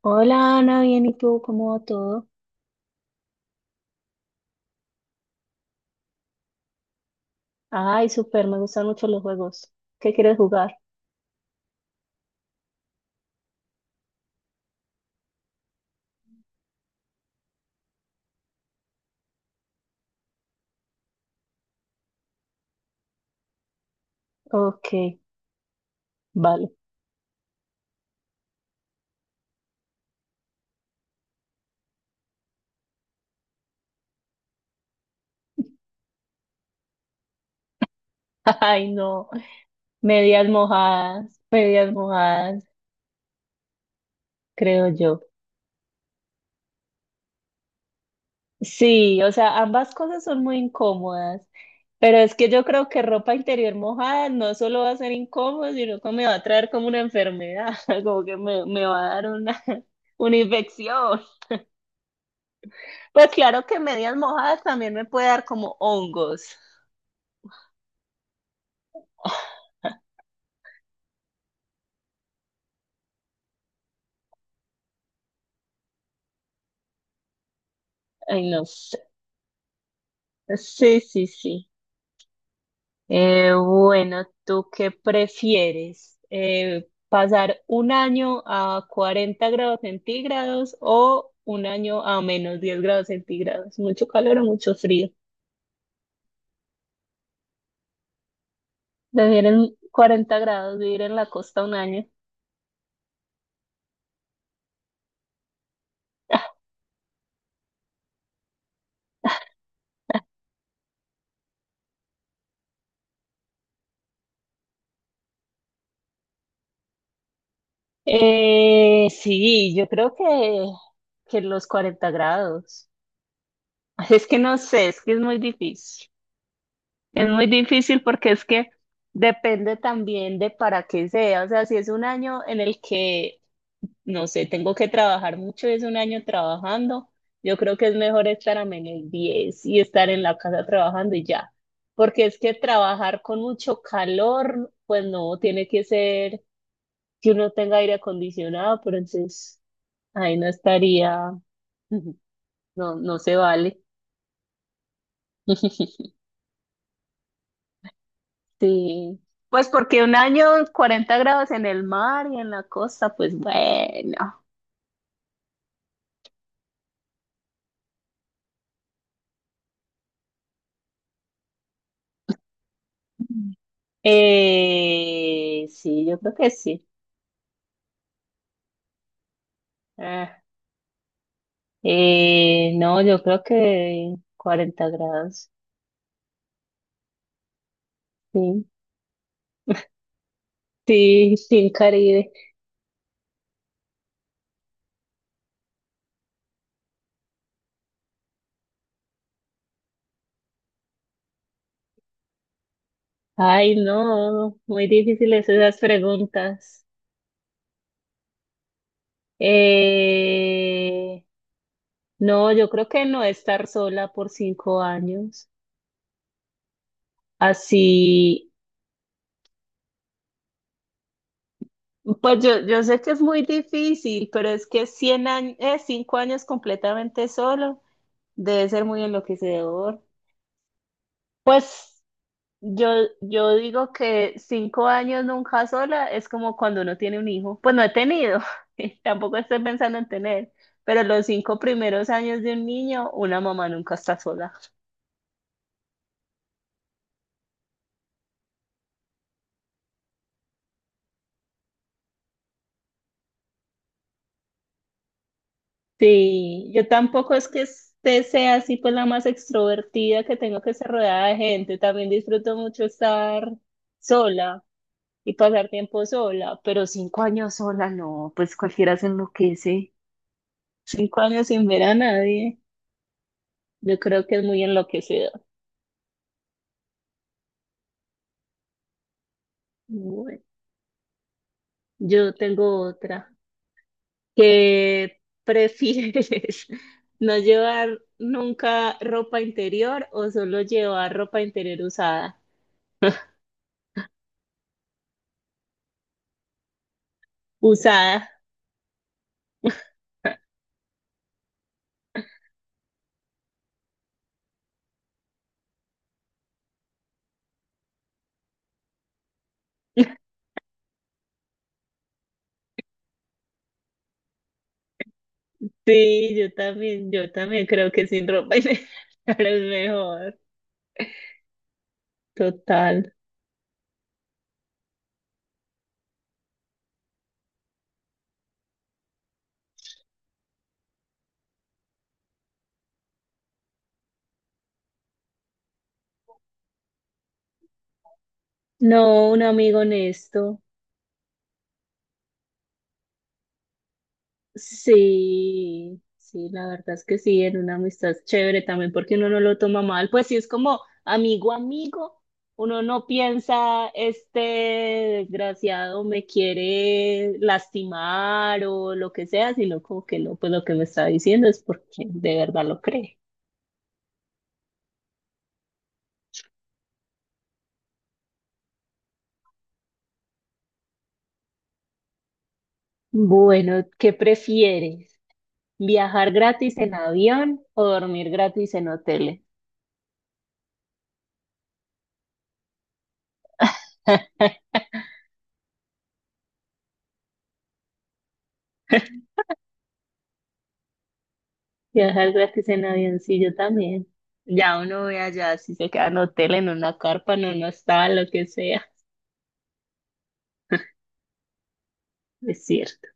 Hola Ana, bien, ¿y tú? ¿Cómo va todo? Ay, súper, me gustan mucho los juegos. ¿Qué quieres jugar? Ok, vale. Ay, no, medias mojadas, creo yo. Sí, o sea, ambas cosas son muy incómodas, pero es que yo creo que ropa interior mojada no solo va a ser incómodo, sino que me va a traer como una enfermedad, como que me va a dar una, una infección. Pues claro que medias mojadas también me puede dar como hongos. Ay, no. Sí, sí, sí. Bueno, ¿tú qué prefieres? ¿Pasar un año a 40 grados centígrados o un año a -10 grados centígrados? ¿Mucho calor o mucho frío? Vivir en 40 grados, vivir en la costa un año. Sí, yo creo que los 40 grados. Es que no sé, es que es muy difícil. Es muy difícil porque es que depende también de para qué sea. O sea, si es un año en el que, no sé, tengo que trabajar mucho y es un año trabajando, yo creo que es mejor estar a -10 y estar en la casa trabajando y ya. Porque es que trabajar con mucho calor, pues no, tiene que ser que uno tenga aire acondicionado, pero entonces ahí no estaría, no, no se vale. Sí, pues porque un año 40 grados en el mar y en la costa, pues bueno. Sí, yo creo que sí. Ah, no, yo creo que 40 grados. Sí, sí, sin Caribe. Ay, no, muy difíciles esas preguntas. Eh, no, yo creo que no estar sola por 5 años. Así. Pues yo sé que es muy difícil, pero es que 100 años, 5 años completamente solo debe ser muy enloquecedor. Pues yo, yo digo que 5 años nunca sola es como cuando uno tiene un hijo. Pues no he tenido, tampoco estoy pensando en tener, pero los 5 primeros años de un niño, una mamá nunca está sola. Sí, yo tampoco es que sea así, pues la más extrovertida que tengo que estar rodeada de gente. También disfruto mucho estar sola. Y pasar tiempo sola, pero 5 años sola, no, pues cualquiera se enloquece. 5 años sin ver a nadie, yo creo que es muy enloquecedor. Bueno, yo tengo otra. ¿Qué prefieres? ¿No llevar nunca ropa interior o solo llevar ropa interior usada? Usada. Sí, yo también creo que sin ropa interior es mejor. Total. No, un amigo honesto. Sí, sí, la verdad es que sí, en una amistad chévere también porque uno no lo toma mal, pues sí es como amigo amigo, uno no piensa este desgraciado me quiere lastimar o lo que sea, sino como que no, pues lo que me está diciendo es porque de verdad lo cree. Bueno, ¿qué prefieres? ¿Viajar gratis en avión o dormir gratis en hoteles? Viajar gratis en avioncillo también. Ya uno ve allá si se queda en hotel, en una carpa, en una hostal, lo que sea. Es cierto.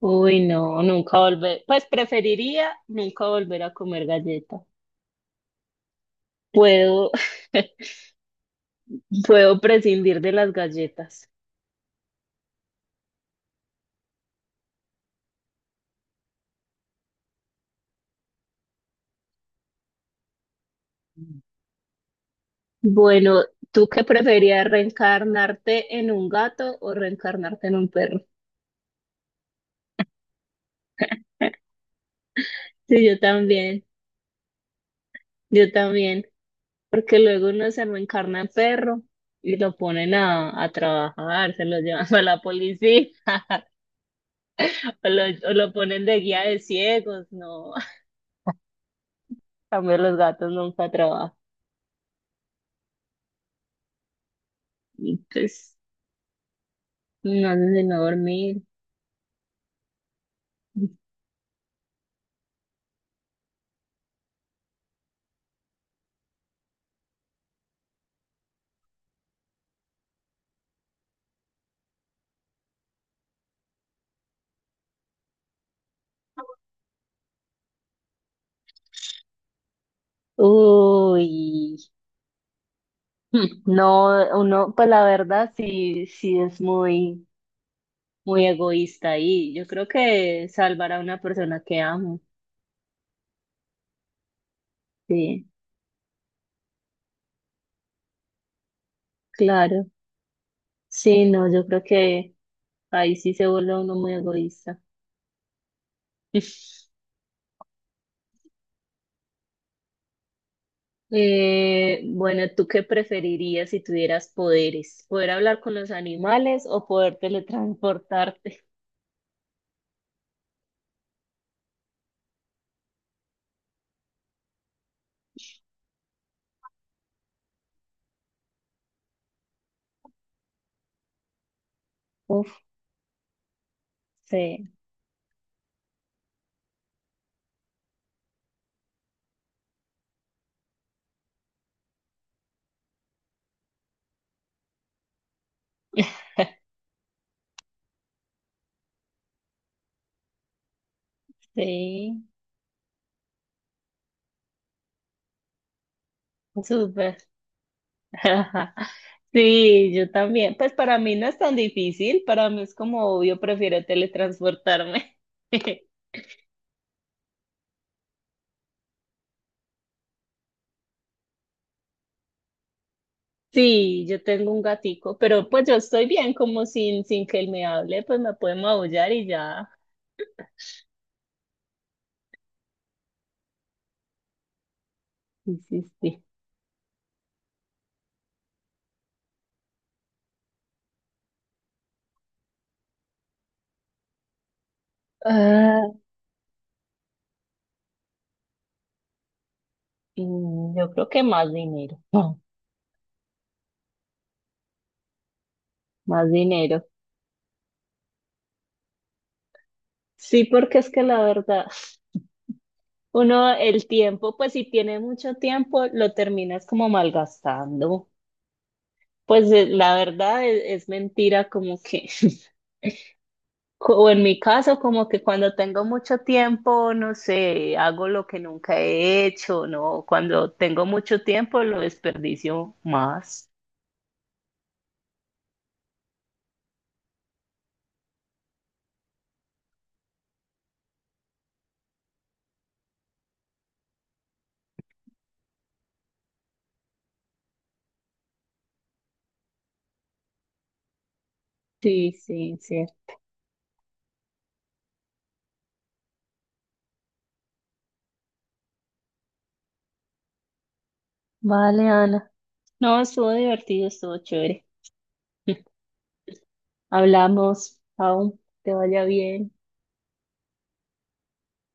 Uy, no, nunca volver. Pues preferiría nunca volver a comer galletas. Puedo, puedo prescindir de las galletas. Bueno, ¿tú qué preferías, reencarnarte en un gato o reencarnarte en un perro? Sí, yo también, yo también. Porque luego uno se reencarna en perro y lo ponen a trabajar, se lo llevan a la policía, o lo, o lo ponen de guía de ciegos, no. En cambio, los gatos nunca trabajan. Y pues, no hacen sino dormir. Uy, no, uno, pues la verdad sí, sí es muy, muy egoísta y yo creo que salvar a una persona que amo, sí, claro, sí, no, yo creo que ahí sí se vuelve uno muy egoísta. Bueno, ¿tú qué preferirías si tuvieras poderes? ¿Poder hablar con los animales o poder teletransportarte? Uf, sí, sí, súper. Sí, yo también. Pues para mí no es tan difícil, para mí es como obvio, prefiero teletransportarme. Sí, yo tengo un gatico, pero pues yo estoy bien como sin que él me hable, pues me puede maullar y ya. Sí, sí, sí. Yo creo que más dinero, más dinero. Sí, porque es que la verdad, uno el tiempo, pues si tiene mucho tiempo, lo terminas como malgastando. Pues la verdad es mentira, como que, o en mi caso, como que cuando tengo mucho tiempo, no sé, hago lo que nunca he hecho, ¿no? Cuando tengo mucho tiempo, lo desperdicio más. Sí, sí, sí. Vale, Ana. No, estuvo divertido, estuvo chévere. Hablamos, aún te vaya bien.